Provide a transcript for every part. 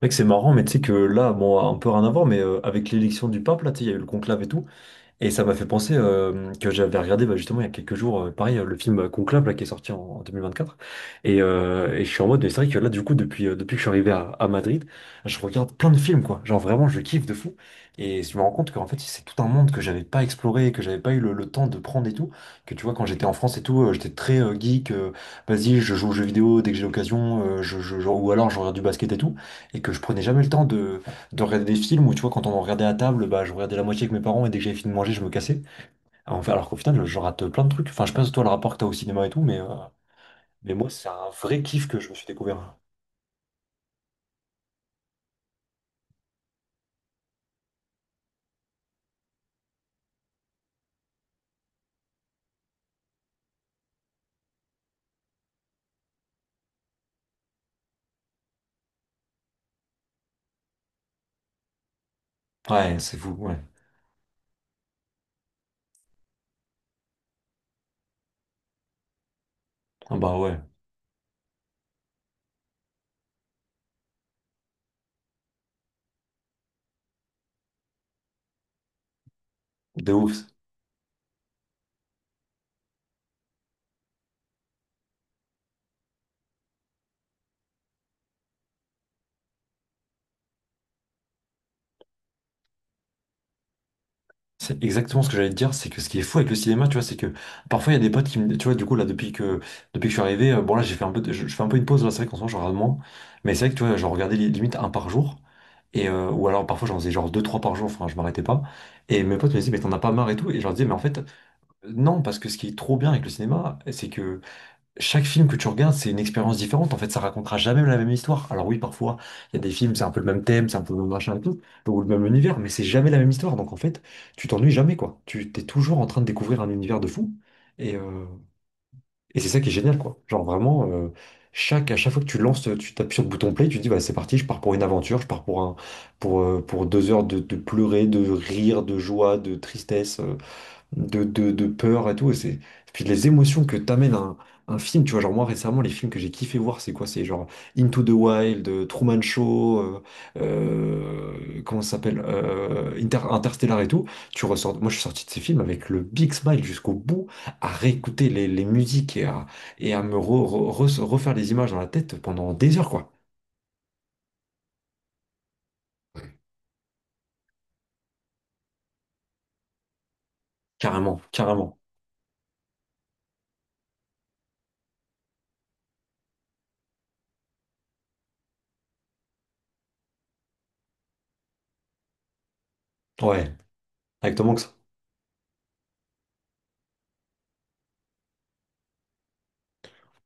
Mec, c'est marrant, mais tu sais que là, bon, un peu rien à voir, mais avec l'élection du pape, là, tu sais, il y a eu le conclave et tout. Et ça m'a fait penser que j'avais regardé, bah, justement il y a quelques jours, pareil, le film Conclave là, qui est sorti en 2024. Et je suis en mode, mais c'est vrai que là, du coup, depuis que je suis arrivé à Madrid, je regarde plein de films, quoi. Genre vraiment, je kiffe de fou. Et je me rends compte qu'en fait, c'est tout un monde que j'avais pas exploré, que j'avais pas eu le temps de prendre et tout. Que tu vois, quand j'étais en France et tout, j'étais très geek. Vas-y, je joue aux jeux vidéo dès que j'ai l'occasion, ou alors je regarde du basket et tout. Et que je prenais jamais le temps de regarder des films, où tu vois, quand on en regardait à table, bah je regardais la moitié avec mes parents, et dès que j'avais fini de manger je me cassais. Alors, enfin, alors qu'au final je rate plein de trucs. Enfin, je sais pas si toi, le rapport que t'as au cinéma et tout, mais mais moi c'est un vrai kiff que je me suis découvert. Ouais, c'est fou, ouais. Ah bah ouais. De ouf. C'est exactement ce que j'allais te dire, c'est que ce qui est fou avec le cinéma, tu vois, c'est que parfois il y a des potes qui me. Tu vois, du coup, là, depuis que je suis arrivé, bon, là, j'ai fait un peu , je fais un peu une pause. Là, c'est vrai qu'en ce moment, je regarde moins, mais c'est vrai que, tu vois, je regardais, limite, un par jour, ou alors parfois, j'en faisais genre deux, trois par jour, enfin, je m'arrêtais pas. Et mes potes me disaient, mais t'en as pas marre et tout, et je leur disais, mais en fait, non, parce que ce qui est trop bien avec le cinéma, c'est que chaque film que tu regardes, c'est une expérience différente. En fait, ça racontera jamais la même histoire. Alors oui, parfois, il y a des films, c'est un peu le même thème, c'est un peu le même machin et tout, ou le même univers, mais c'est jamais la même histoire. Donc en fait, tu t'ennuies jamais, quoi. Tu t'es toujours en train de découvrir un univers de fou. Et, euh, et c'est ça qui est génial, quoi. Genre vraiment, chaque, à chaque fois que tu lances, tu tapes sur le bouton play, tu te dis, bah, c'est parti, je pars pour une aventure, je pars pour 2 heures de pleurer, de rire, de joie, de tristesse, de peur et tout. Et c'est, et puis les émotions que t'amène un film, tu vois, genre moi récemment, les films que j'ai kiffé voir, c'est quoi? C'est genre Into the Wild, Truman Show, comment ça s'appelle? Interstellar et tout. Tu ressors. Moi, je suis sorti de ces films avec le big smile jusqu'au bout, à réécouter les musiques, et à me refaire les images dans la tête pendant des heures, quoi. Carrément, carrément. Ouais, avec Tom Hanks.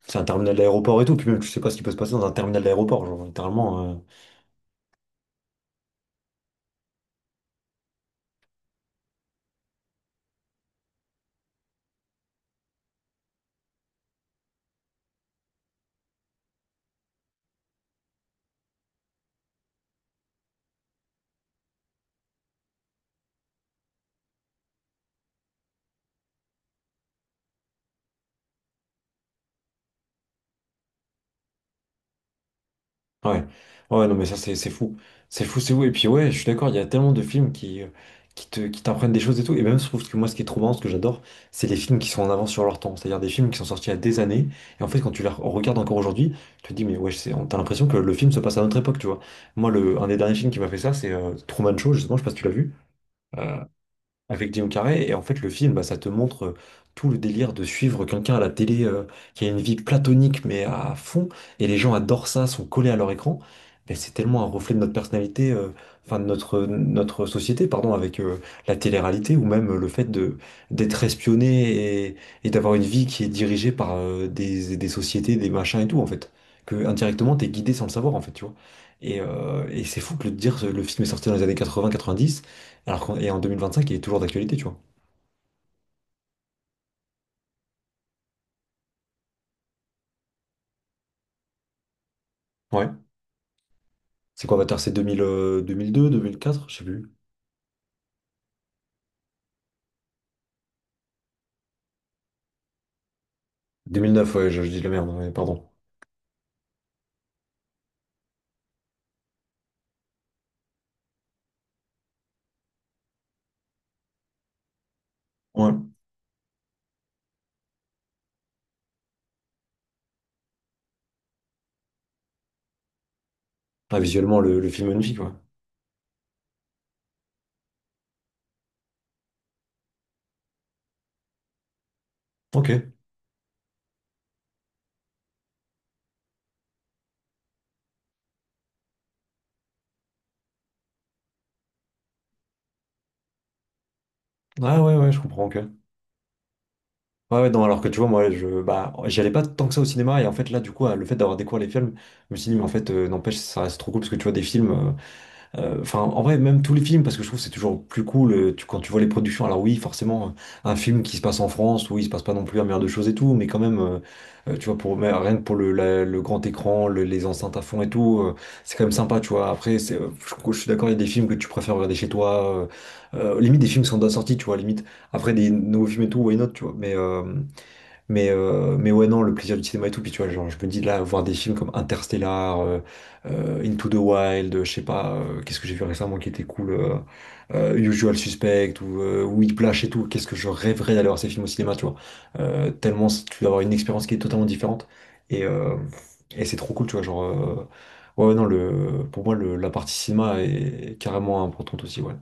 C'est un terminal d'aéroport et tout, puis même tu sais pas ce qui peut se passer dans un terminal d'aéroport, genre littéralement. Ouais, ouais, non, mais ça, c'est fou. C'est fou, c'est fou. Et puis, ouais, je suis d'accord, il y a tellement de films qui te, qui t'apprennent des choses et tout. Et même, je trouve que moi, ce qui est trop marrant, ce que j'adore, c'est les films qui sont en avance sur leur temps. C'est-à-dire des films qui sont sortis il y a des années. Et en fait, quand tu les regardes encore aujourd'hui, tu te dis, mais ouais, c'est- t'as l'impression que le film se passe à notre époque, tu vois. Moi, le, un des derniers films qui m'a fait ça, c'est Truman Show, justement, je sais pas si tu l'as vu avec Guillaume Carré. Et en fait, le film, bah, ça te montre tout le délire de suivre quelqu'un à la télé, qui a une vie platonique, mais à fond. Et les gens adorent ça, sont collés à leur écran. Mais c'est tellement un reflet de notre personnalité, enfin de notre, notre société, pardon, avec la télé-réalité, ou même le fait de d'être espionné, et d'avoir une vie qui est dirigée par des sociétés, des machins et tout, en fait. Que indirectement, t'es guidé sans le savoir, en fait, tu vois. Et c'est fou que le, dire, le film est sorti dans les années 80-90 alors qu'en- et en 2025, il est toujours d'actualité, tu vois. Ouais. C'est quoi Avatar? C'est 2000, 2002, 2004? Je sais plus. 2009, ouais, je dis de la merde, ouais, pardon. Ouais. Ah, visuellement, le film magnifique, ouais. Ok. Ah ouais, ouais, je comprends, ok. Ouais, ouais, non, alors que tu vois, moi, je, bah, j'y allais pas tant que ça au cinéma, et en fait, là, du coup, le fait d'avoir découvert les films, je me suis dit, mais en fait, n'empêche, ça reste trop cool, parce que tu vois, des films. Enfin, en vrai, même tous les films, parce que je trouve que c'est toujours plus cool, tu- quand tu vois les productions. Alors oui, forcément, un film qui se passe en France, oui, il se passe pas non plus un milliard de choses et tout, mais quand même, tu vois, pour, mais rien que pour le, la- le grand écran, le- les enceintes à fond et tout, c'est quand même sympa, tu vois. Après, c'est, je suis d'accord, il y a des films que tu préfères regarder chez toi. Limite, des films qui sont déjà sortis, tu vois, limite. Après, des nouveaux films et tout, why not, tu vois. Mais ouais, non, le plaisir du cinéma et tout. Puis tu vois, genre, je me dis là, voir des films comme Interstellar, Into the Wild, je sais pas, qu'est-ce que j'ai vu récemment qui était cool, Usual Suspect ou Whiplash et tout. Qu'est-ce que je rêverais d'aller voir ces films au cinéma, tu vois. Tellement c- tu dois avoir une expérience qui est totalement différente. Et, euh, et c'est trop cool, tu vois. Genre, ouais, ouais, non, le, pour moi, le, la partie cinéma est carrément importante aussi, ouais.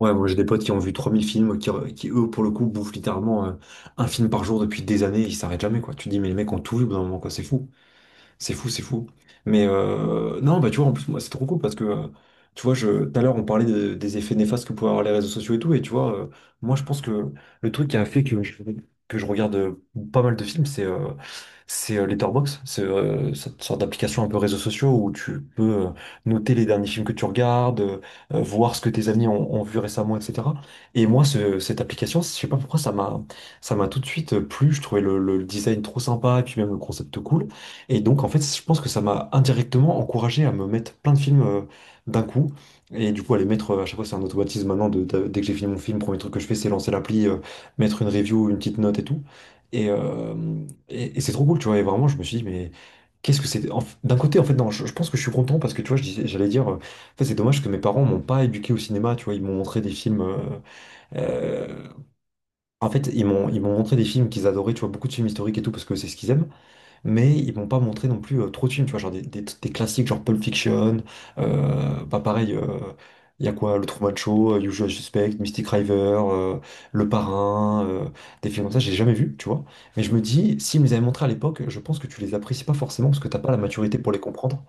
Ouais, moi j'ai des potes qui ont vu 3 000 films, qui, eux, pour le coup, bouffent littéralement un film par jour depuis des années, ils s'arrêtent jamais, quoi. Tu te dis, mais les mecs ont tout vu au bout d'un moment, quoi, c'est fou. C'est fou, c'est fou. Mais non, bah tu vois, en plus, moi, c'est trop cool parce que, tu vois, je, tout à l'heure, on parlait de- des effets néfastes que pouvaient avoir les réseaux sociaux et tout. Et tu vois, moi, je pense que le truc qui a fait que je regarde pas mal de films, c'est Letterboxd. C'est cette sorte d'application un peu réseaux sociaux où tu peux noter les derniers films que tu regardes, voir ce que tes amis ont, ont vu récemment, etc. Et moi, ce- cette application, je sais pas pourquoi, ça m'a tout de suite plu. Je trouvais le design trop sympa, et puis même le concept cool. Et donc, en fait, je pense que ça m'a indirectement encouragé à me mettre plein de films d'un coup. Et du coup, à les mettre, à chaque fois, c'est un automatisme maintenant. Dès que j'ai fini mon film, le premier truc que je fais, c'est lancer l'appli, mettre une review, une petite note et tout. Et, euh, et c'est trop cool, tu vois. Et vraiment, je me suis dit, mais qu'est-ce que c'est. En f- d'un côté, en fait, non, je pense que je suis content parce que, tu vois, je disais- j'allais dire, en fait, c'est dommage que mes parents m'ont pas éduqué au cinéma, tu vois. Ils m'ont montré des films. Euh, En fait, ils m'ont montré des films qu'ils adoraient, tu vois, beaucoup de films historiques et tout, parce que c'est ce qu'ils aiment, mais ils vont pas montrer non plus trop de films, tu vois, genre des classiques genre Pulp Fiction, bah pareil, il y a quoi, Le Truman Show, Usual Suspect, Mystic River, euh, Le Parrain, des films comme ça, j'ai jamais vu, tu vois, mais je me dis, s'ils me les avaient montrés à l'époque, je pense que tu les apprécies pas forcément parce que t'as pas la maturité pour les comprendre,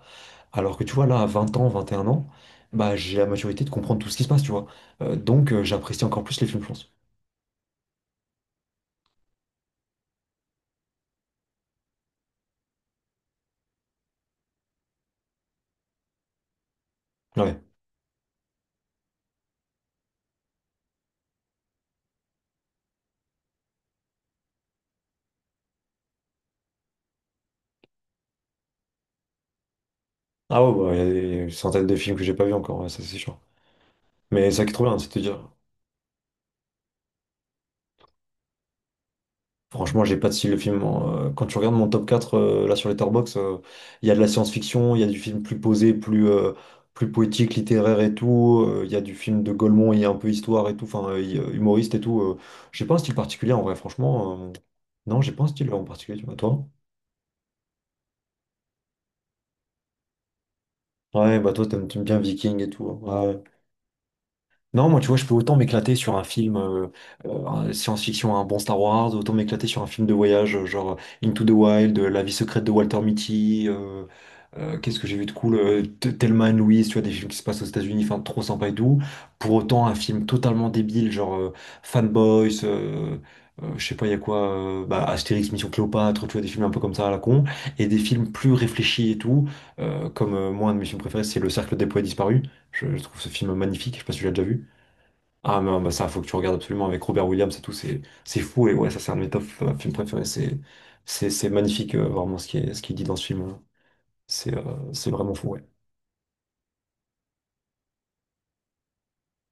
alors que tu vois, là, à 20 ans, 21 ans, bah j'ai la maturité de comprendre tout ce qui se passe, tu vois. Donc j'apprécie encore plus les films, je pense. Ouais. Ah ouais, bah, il y a des centaines de films que j'ai pas vus encore, ouais, ça c'est sûr. Mais ça qui est trop bien, c'est de te dire. Franchement, j'ai pas de style de film, hein. Quand tu regardes mon top 4 là sur Letterboxd, il y a de la science-fiction, il y a du film plus posé, plus, plus poétique, littéraire et tout. Il y a du film de Gaulmont, il y a un peu histoire et tout, enfin il- humoriste et tout. J'ai pas un style particulier en vrai, franchement. Non, j'ai pas un style en particulier, tu vois. Toi? Ouais, bah toi, t'aimes bien Viking et tout, hein. Ouais. Non, moi, tu vois, je peux autant m'éclater sur un film, un science-fiction, un bon Star Wars, autant m'éclater sur un film de voyage, genre Into the Wild, La vie secrète de Walter Mitty, qu'est-ce que j'ai vu de cool, Thelma and Louise, tu vois, des films qui se passent aux États-Unis, enfin, trop sympa et tout. Pour autant, un film totalement débile, genre Fanboys, je sais pas, il y a quoi, bah, Astérix, Mission Cléopâtre, tu vois, des films un peu comme ça à la con, et des films plus réfléchis et tout, comme moi, un de mes films préférés, c'est Le Cercle des poètes disparus. Je trouve ce film magnifique, je sais pas si tu l'as déjà vu. Ah non, bah ça, faut que tu regardes absolument avec Robert Williams et tout, c'est fou, et ouais, ça c'est un de mes top films préférés, c'est magnifique vraiment ce qui est ce qu'il dit dans ce film, hein. C'est c'est vraiment fou, ouais.